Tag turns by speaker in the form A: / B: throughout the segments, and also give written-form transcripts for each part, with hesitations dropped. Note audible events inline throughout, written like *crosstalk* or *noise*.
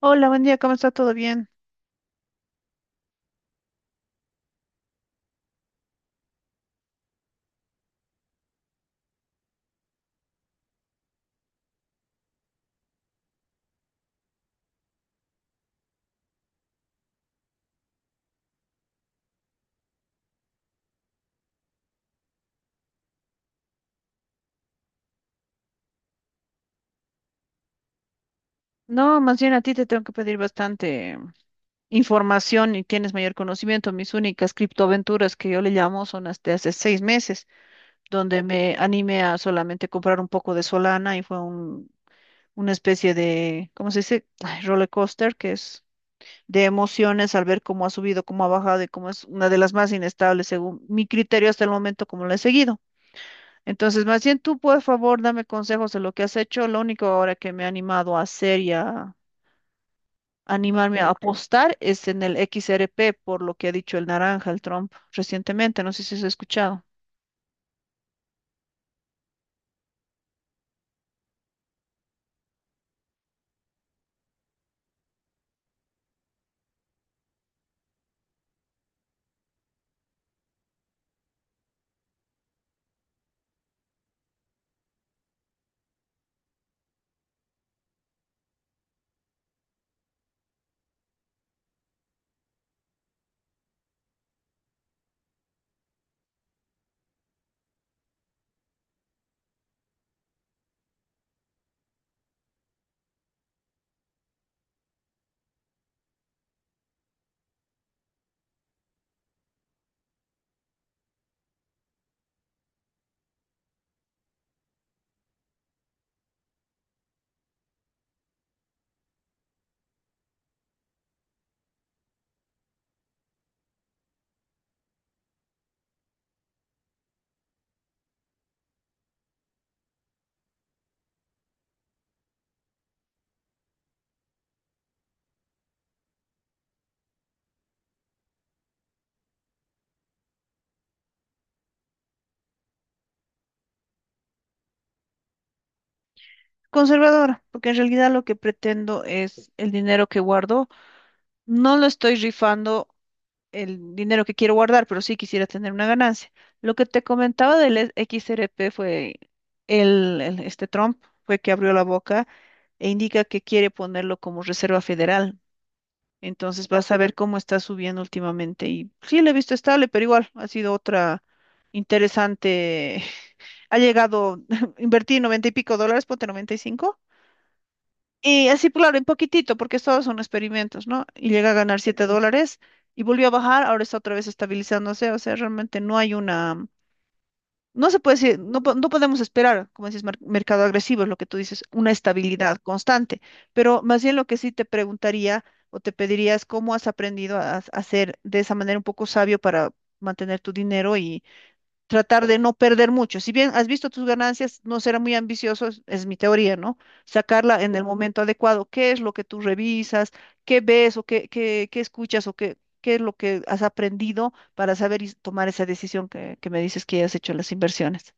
A: Hola, buen día, ¿cómo está? ¿Todo bien? No, más bien a ti te tengo que pedir bastante información y tienes mayor conocimiento. Mis únicas criptoaventuras, que yo le llamo, son las de hace 6 meses, donde me animé a solamente comprar un poco de Solana y fue una especie de, ¿cómo se dice? Ay, roller coaster, que es de emociones al ver cómo ha subido, cómo ha bajado y cómo es una de las más inestables según mi criterio hasta el momento, como lo he seguido. Entonces, más bien tú, por favor, dame consejos de lo que has hecho. Lo único ahora que me ha animado a hacer y a animarme a apostar es en el XRP, por lo que ha dicho el naranja, el Trump, recientemente. No sé si has escuchado. Conservadora, porque en realidad lo que pretendo es el dinero que guardo. No lo estoy rifando el dinero que quiero guardar, pero sí quisiera tener una ganancia. Lo que te comentaba del XRP fue este Trump fue que abrió la boca e indica que quiere ponerlo como reserva federal. Entonces vas a ver cómo está subiendo últimamente. Y sí, lo he visto estable, pero igual ha sido otra interesante. *laughs* Ha llegado, *laughs* invertí 90 y pico dólares, ponte 95, y así, claro, en poquitito, porque todos son experimentos, ¿no? Y llega a ganar 7 dólares y volvió a bajar, ahora está otra vez estabilizándose. O sea, realmente no hay no se puede decir, no, no podemos esperar, como dices, mercado agresivo, es lo que tú dices, una estabilidad constante, pero más bien lo que sí te preguntaría o te pediría es cómo has aprendido a ser de esa manera un poco sabio para mantener tu dinero, tratar de no perder mucho. Si bien has visto tus ganancias, no será muy ambicioso, es mi teoría, ¿no? Sacarla en el momento adecuado. ¿Qué es lo que tú revisas? ¿Qué ves o qué escuchas o qué es lo que has aprendido para saber y tomar esa decisión que me dices que has hecho en las inversiones?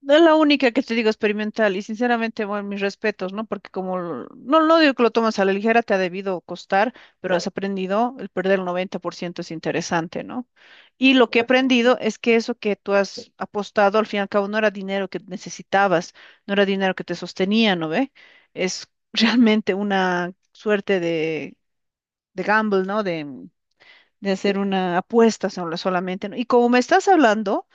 A: No, es la única que te digo, experimental, y sinceramente, bueno, mis respetos, ¿no? Porque no, no digo que lo tomas a la ligera, te ha debido costar, pero has aprendido, el perder el 90% es interesante, ¿no? Y lo que he aprendido es que eso que tú has apostado, al fin y al cabo, no era dinero que necesitabas, no era dinero que te sostenía, ¿no ve? Es, *laughs* realmente, una suerte de gamble, ¿no? De hacer una solamente, ¿no? Y como me estás hablando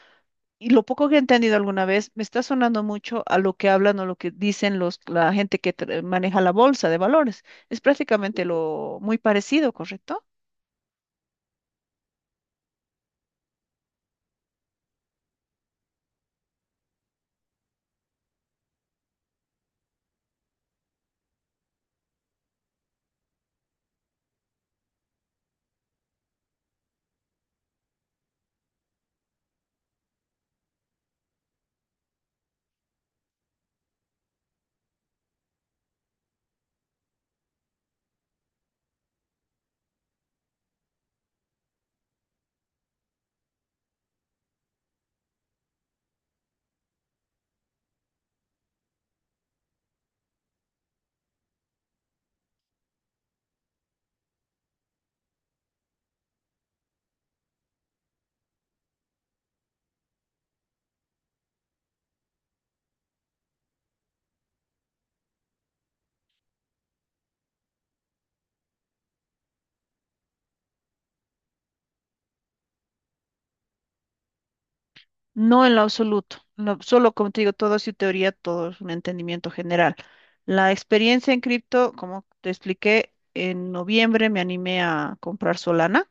A: y lo poco que he entendido alguna vez, me está sonando mucho a lo que hablan o lo que dicen los, la gente que maneja la bolsa de valores. Es prácticamente lo muy parecido, ¿correcto? No, en lo absoluto. Solo, como te digo, todo es su teoría, todo es un entendimiento general. La experiencia en cripto, como te expliqué, en noviembre me animé a comprar Solana,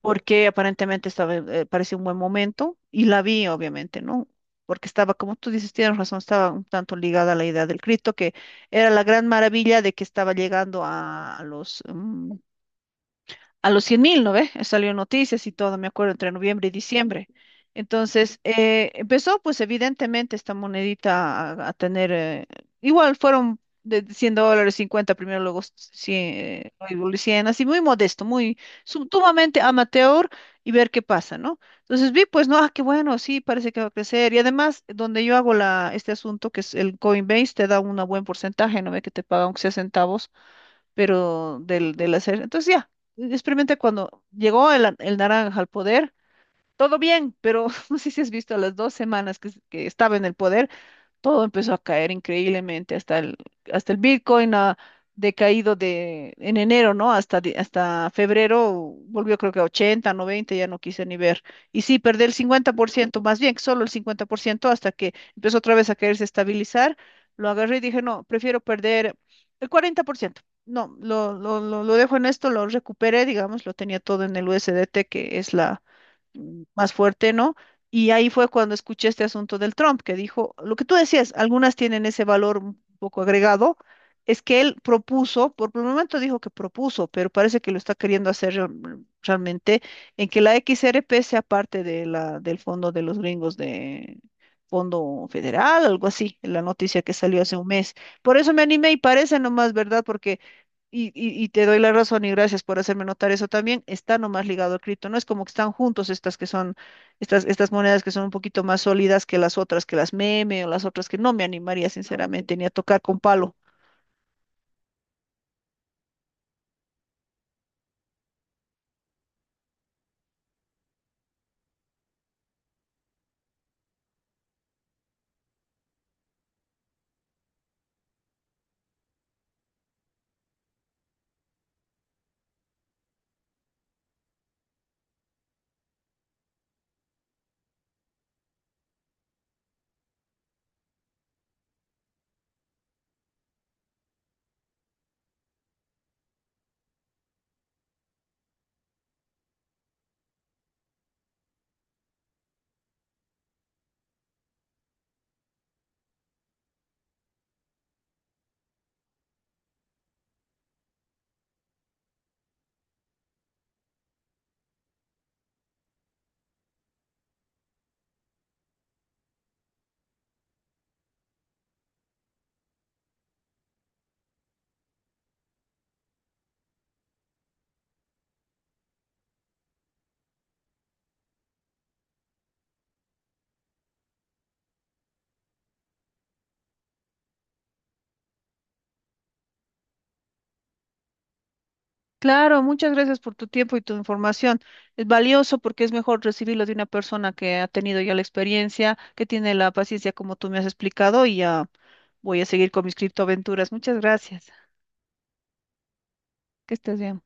A: porque aparentemente estaba, parecía un buen momento y la vi, obviamente, ¿no? Porque estaba, como tú dices, tienes razón, estaba un tanto ligada a la idea del Cristo, que era la gran maravilla, de que estaba llegando a los mm, a los 100 mil, ¿no ve? Salió noticias y todo, me acuerdo, entre noviembre y diciembre. Entonces, empezó, pues, evidentemente, esta monedita a tener, igual fueron de 100 dólares, 50 primero, luego cien, luego así, muy modesto, muy sumamente amateur, y ver qué pasa, ¿no? Entonces vi, pues, no, ah, qué bueno, sí, parece que va a crecer. Y además, donde yo hago la, este asunto, que es el Coinbase, te da un buen porcentaje, ¿no ve? Que te paga aunque sea centavos, pero del, del hacer. Entonces ya, experimenté cuando llegó el naranja al poder, todo bien, pero *laughs* no sé si has visto, a las 2 semanas que estaba en el poder, todo empezó a caer increíblemente, hasta el Bitcoin ha decaído en enero, ¿no? Hasta, hasta febrero, volvió creo que a 80, 90, ya no quise ni ver. Y sí, perdí el 50%, más bien solo el 50%, hasta que empezó otra vez a quererse estabilizar, lo agarré y dije, no, prefiero perder el 40%. No, lo dejo en esto, lo recuperé, digamos, lo tenía todo en el USDT, que es la, mm, más fuerte, ¿no? Y ahí fue cuando escuché este asunto del Trump, que dijo, lo que tú decías, algunas tienen ese valor un poco agregado, es que él propuso, por el momento dijo que propuso, pero parece que lo está queriendo hacer realmente, en que la XRP sea parte de la, del fondo de los gringos, de Fondo Federal, algo así, en la noticia que salió hace 1 mes. Por eso me animé, y parece nomás, ¿verdad? Porque y te doy la razón y gracias por hacerme notar eso también. Está nomás ligado al cripto. No es como que están juntos estas que son, estas monedas que son un poquito más sólidas que las otras, que las meme o las otras que no me animaría sinceramente ni a tocar con palo. Claro, muchas gracias por tu tiempo y tu información. Es valioso porque es mejor recibirlo de una persona que ha tenido ya la experiencia, que tiene la paciencia como tú me has explicado, y ya voy a seguir con mis criptoaventuras. Muchas gracias. Que estés bien.